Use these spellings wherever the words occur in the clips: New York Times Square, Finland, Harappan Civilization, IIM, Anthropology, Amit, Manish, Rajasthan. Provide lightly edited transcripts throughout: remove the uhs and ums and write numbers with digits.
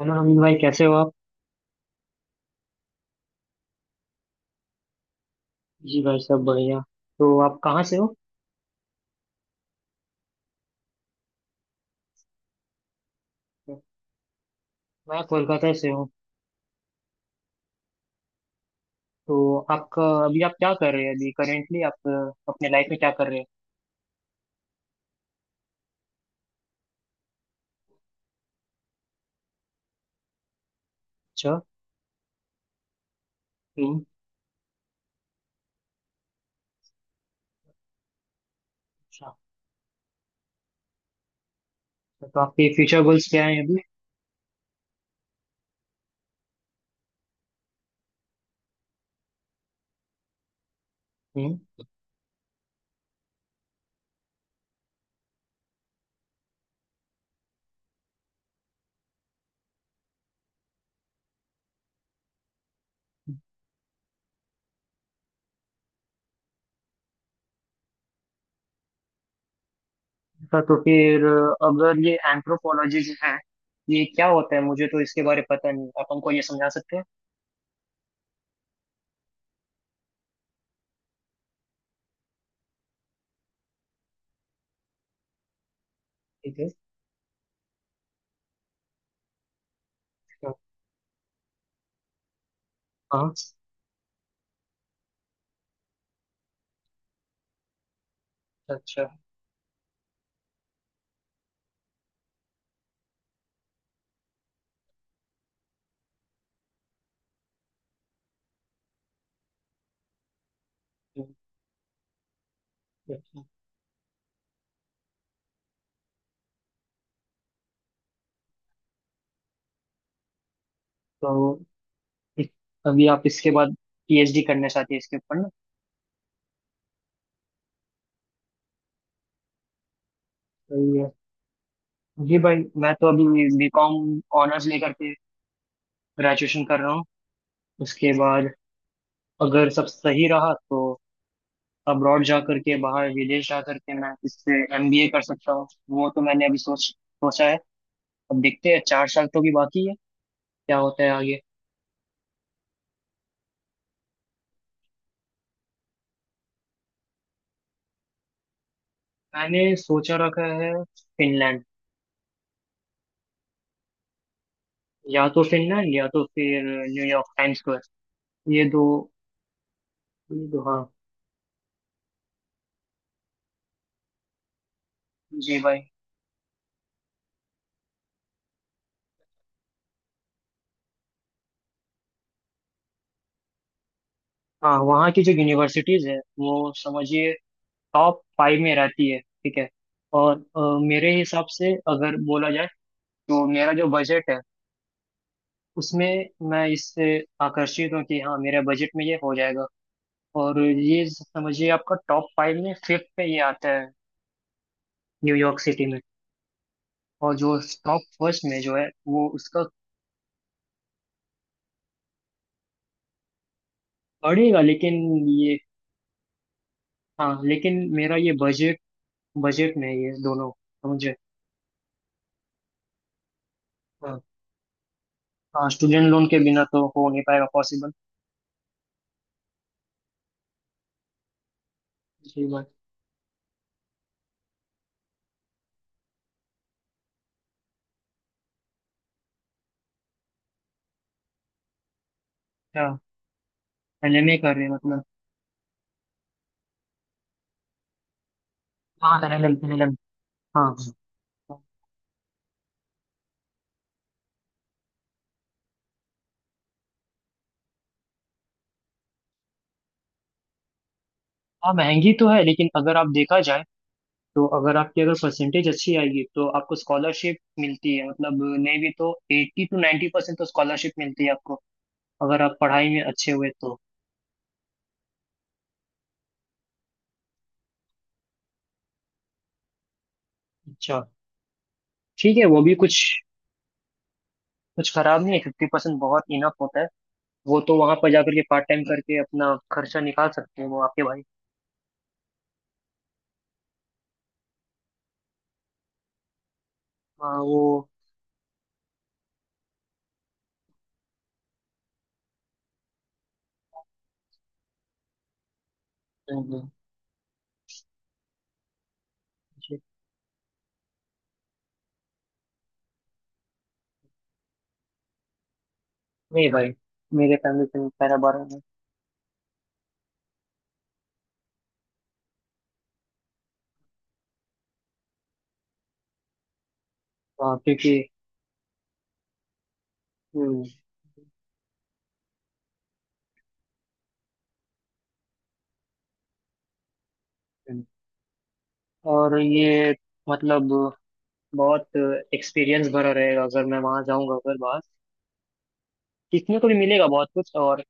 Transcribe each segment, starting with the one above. Hello Amit भाई, कैसे हो आप? जी भाई, सब बढ़िया। तो आप कहाँ से हो? मैं कोलकाता से हूँ। तो आपका अभी, आप क्या कर रहे हैं अभी? करेंटली आप अपने लाइफ में क्या कर रहे हैं? अच्छा। हम्म। अच्छा। तो आपके फ्यूचर गोल्स क्या हैं अभी? हम्म। अच्छा, तो फिर अगर ये एंथ्रोपोलॉजी जो है, ये क्या होता है? मुझे तो इसके बारे में पता नहीं, आप हमको ये समझा सकते हैं? ठीक है। अच्छा। हाँ। अच्छा। हम्म। अच्छा। तो इस- अभी आप इसके बाद PhD करना चाहते हैं इसके ऊपर, ना? सही है। जी भाई, मैं तो अभी B.Com ऑनर्स लेकर के ग्रेजुएशन कर रहा हूँ। उसके बाद, अगर सब सही रहा तो अब्रॉड जा करके, बाहर विदेश जा करके मैं इससे MBA कर सकता हूँ, वो तो मैंने अभी सोचा है। अब देखते हैं, 4 साल तो भी बाकी है, क्या होता है आगे। मैंने सोचा रखा है, फिनलैंड। या तो फिनलैंड या तो फिर न्यूयॉर्क टाइम स्क्वायर, ये दो। हाँ। जी भाई। हाँ, वहाँ की जो यूनिवर्सिटीज है वो समझिए, टॉप 5 में रहती है। ठीक है। और मेरे हिसाब से अगर बोला जाए, तो मेरा जो बजट है, उसमें मैं इससे आकर्षित हूँ कि हाँ, मेरे बजट में ये हो जाएगा। और ये समझिए, आपका टॉप 5 में 5th पे ये आता है, न्यूयॉर्क सिटी में। और जो टॉप फर्स्ट में जो है, वो उसका पड़ेगा, लेकिन ये, हाँ लेकिन मेरा ये बजट बजट में है, ये दोनों, समझे। हाँ, स्टूडेंट लोन के बिना तो हो नहीं पाएगा पॉसिबल। जी बात। हाँ, LMA कर रहे हैं मतलब। हाँ, एनिमल एनिमल। हाँ, हाँ। हाँ। हाँ, महंगी तो है, लेकिन अगर आप देखा जाए तो, अगर आपकी अगर परसेंटेज अच्छी आएगी तो आपको स्कॉलरशिप मिलती है। मतलब, नहीं भी तो 80 to 90% तो स्कॉलरशिप मिलती है आपको, अगर आप पढ़ाई में अच्छे हुए तो। अच्छा। ठीक है, वो भी कुछ कुछ खराब नहीं है, 50% बहुत इनफ होता है। वो तो वहां पर जाकर के पार्ट टाइम करके अपना खर्चा निकाल सकते हैं वो, आपके भाई। हाँ, वो। नहीं, नहीं। नहीं भाई, मेरे फैमिली में पैरा 12 है। हाँ, क्योंकि। हम्म। और ये, मतलब बहुत एक्सपीरियंस भरा रहेगा अगर मैं वहां जाऊंगा, अगर बाहर। सीखने को भी मिलेगा बहुत कुछ, और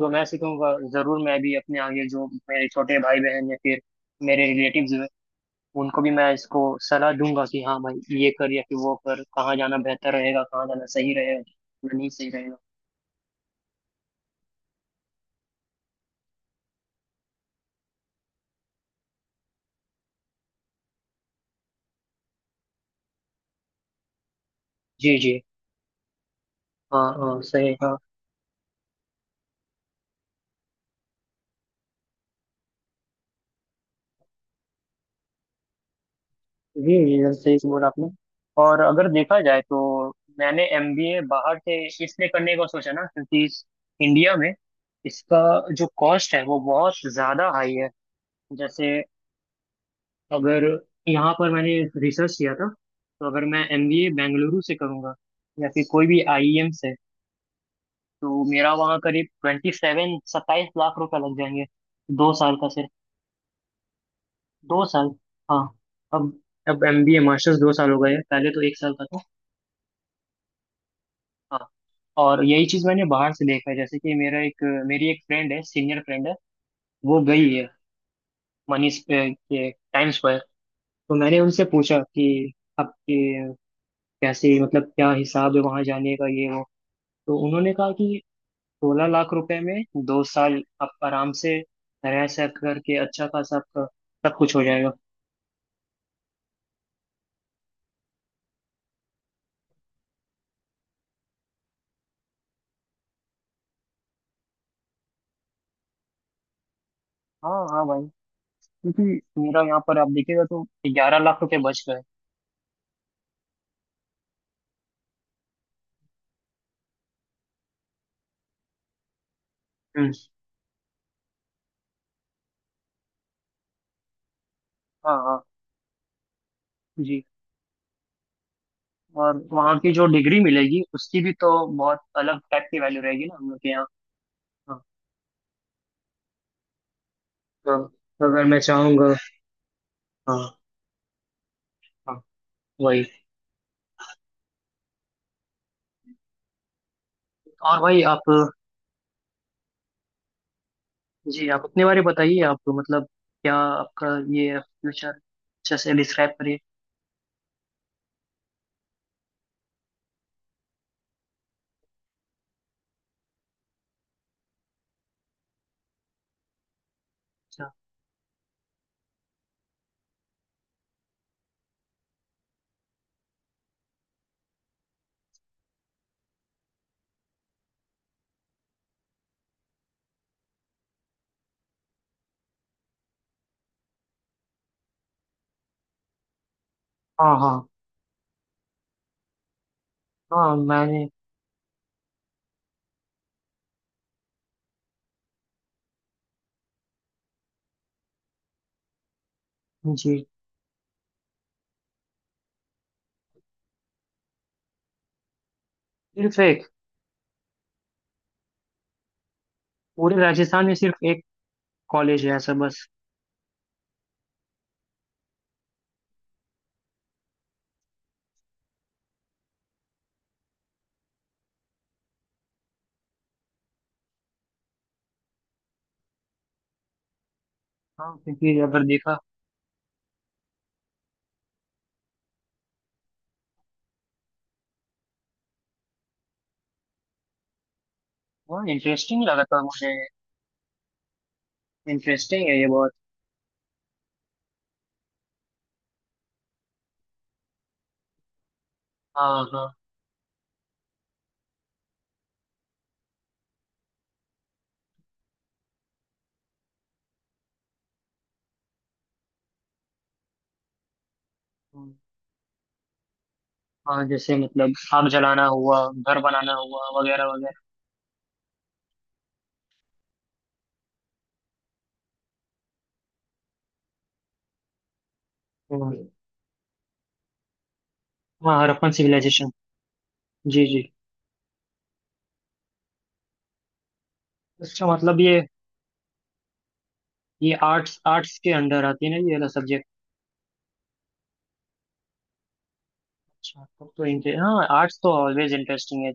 जो मैं सीखूंगा, जरूर मैं भी अपने आगे, जो मेरे छोटे भाई बहन या फिर मेरे रिलेटिव्स हैं, उनको भी मैं इसको सलाह दूंगा कि हाँ भाई, ये कर या फिर वो कर, कहाँ जाना बेहतर रहेगा, कहाँ जाना सही रहेगा, कहाँ नहीं सही रहेगा। जी, जी। हाँ, हाँ, सही, हाँ। जी, जी सर, सही बोला आपने। और अगर देखा जाए, तो मैंने MBA बाहर से इसलिए करने का सोचा ना, क्योंकि इंडिया में इसका जो कॉस्ट है वो बहुत ज्यादा हाई है। जैसे, अगर यहाँ पर मैंने रिसर्च किया था, तो अगर मैं MBA बेंगलुरु से करूँगा या फिर कोई भी IIM से, तो मेरा वहाँ करीब 27 27 लाख रुपए लग जाएंगे, 2 साल का सिर्फ। दो साल, हाँ। अब अब MBA मास्टर्स 2 साल हो गए हैं, पहले तो 1 साल का था। हाँ। और यही चीज मैंने बाहर से देखा है, जैसे कि मेरा एक, मेरी एक फ्रेंड है, सीनियर फ्रेंड है, वो गई है मनीष पे- के टाइम स्क्वायर। तो मैंने उनसे पूछा कि आपके कैसे, मतलब क्या हिसाब है वहां जाने का, ये वो। तो उन्होंने कहा कि 16 लाख रुपए में 2 साल आप आराम से रह सक करके अच्छा खासा आपका सब कुछ हो जाएगा। हाँ, हाँ भाई। क्योंकि मेरा यहाँ पर आप देखिएगा तो 11 लाख रुपए बच गए। हम्म। हाँ, हाँ। जी। और वहाँ की जो डिग्री मिलेगी, उसकी भी तो बहुत अलग टाइप की वैल्यू रहेगी ना, हम लोग के यहाँ। हाँ। तो अगर मैं चाहूंगा, हाँ, हाँ, वही। और भाई आप, जी, आप अपने बारे में बताइए। आप मतलब, क्या आपका, ये फ्यूचर अच्छे से डिस्क्राइब करिए। अच्छा। हाँ, हाँ। हाँ, मैंने, जी। सिर्फ एक? पूरे राजस्थान में सिर्फ एक कॉलेज है ऐसा, बस? हाँ, क्योंकि अगर देखा, हाँ, इंटरेस्टिंग लगा था मुझे, इंटरेस्टिंग है ये बहुत। हाँ, हाँ। हाँ, जैसे मतलब आग जलाना हुआ, घर बनाना हुआ, वगैरह वगैरह। हम्म। हाँ, हड़प्पन सिविलाइजेशन। जी, जी। अच्छा, मतलब ये आर्ट्स, आर्ट्स के अंडर आती है ना ये वाला सब्जेक्ट? अच्छा, तब तो इंटर, हाँ, आर्ट्स तो ऑलवेज इंटरेस्टिंग है।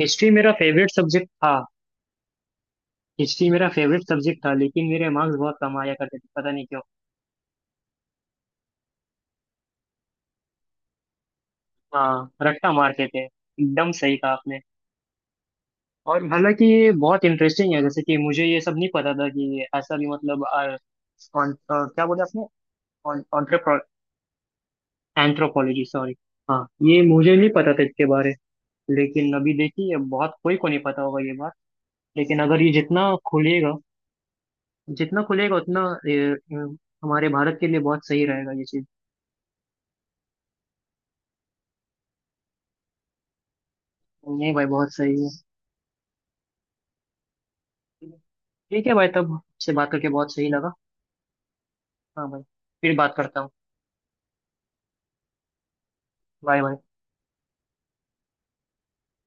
हिस्ट्री मेरा फेवरेट सब्जेक्ट था। हिस्ट्री मेरा फेवरेट सब्जेक्ट था, लेकिन मेरे मार्क्स बहुत कम आया करते थे, पता नहीं क्यों। हाँ, रट्टा मारते थे, एकदम सही कहा आपने। और हालांकि ये बहुत इंटरेस्टिंग है, जैसे कि मुझे ये सब नहीं पता था, कि ऐसा भी, मतलब क्या बोले आपने? Anthropology, sorry. हाँ, ये मुझे नहीं पता था इसके बारे। लेकिन अभी देखिए, बहुत कोई को नहीं पता होगा ये बात। लेकिन अगर ये खुलेगा जितना खुलेगा उतना, ये, हमारे भारत के लिए बहुत सही रहेगा ये चीज। नहीं भाई, बहुत सही है। ठीक है भाई, तब से बात करके बहुत सही लगा। हाँ भाई। फिर बात करता हूँ। Bye, bye.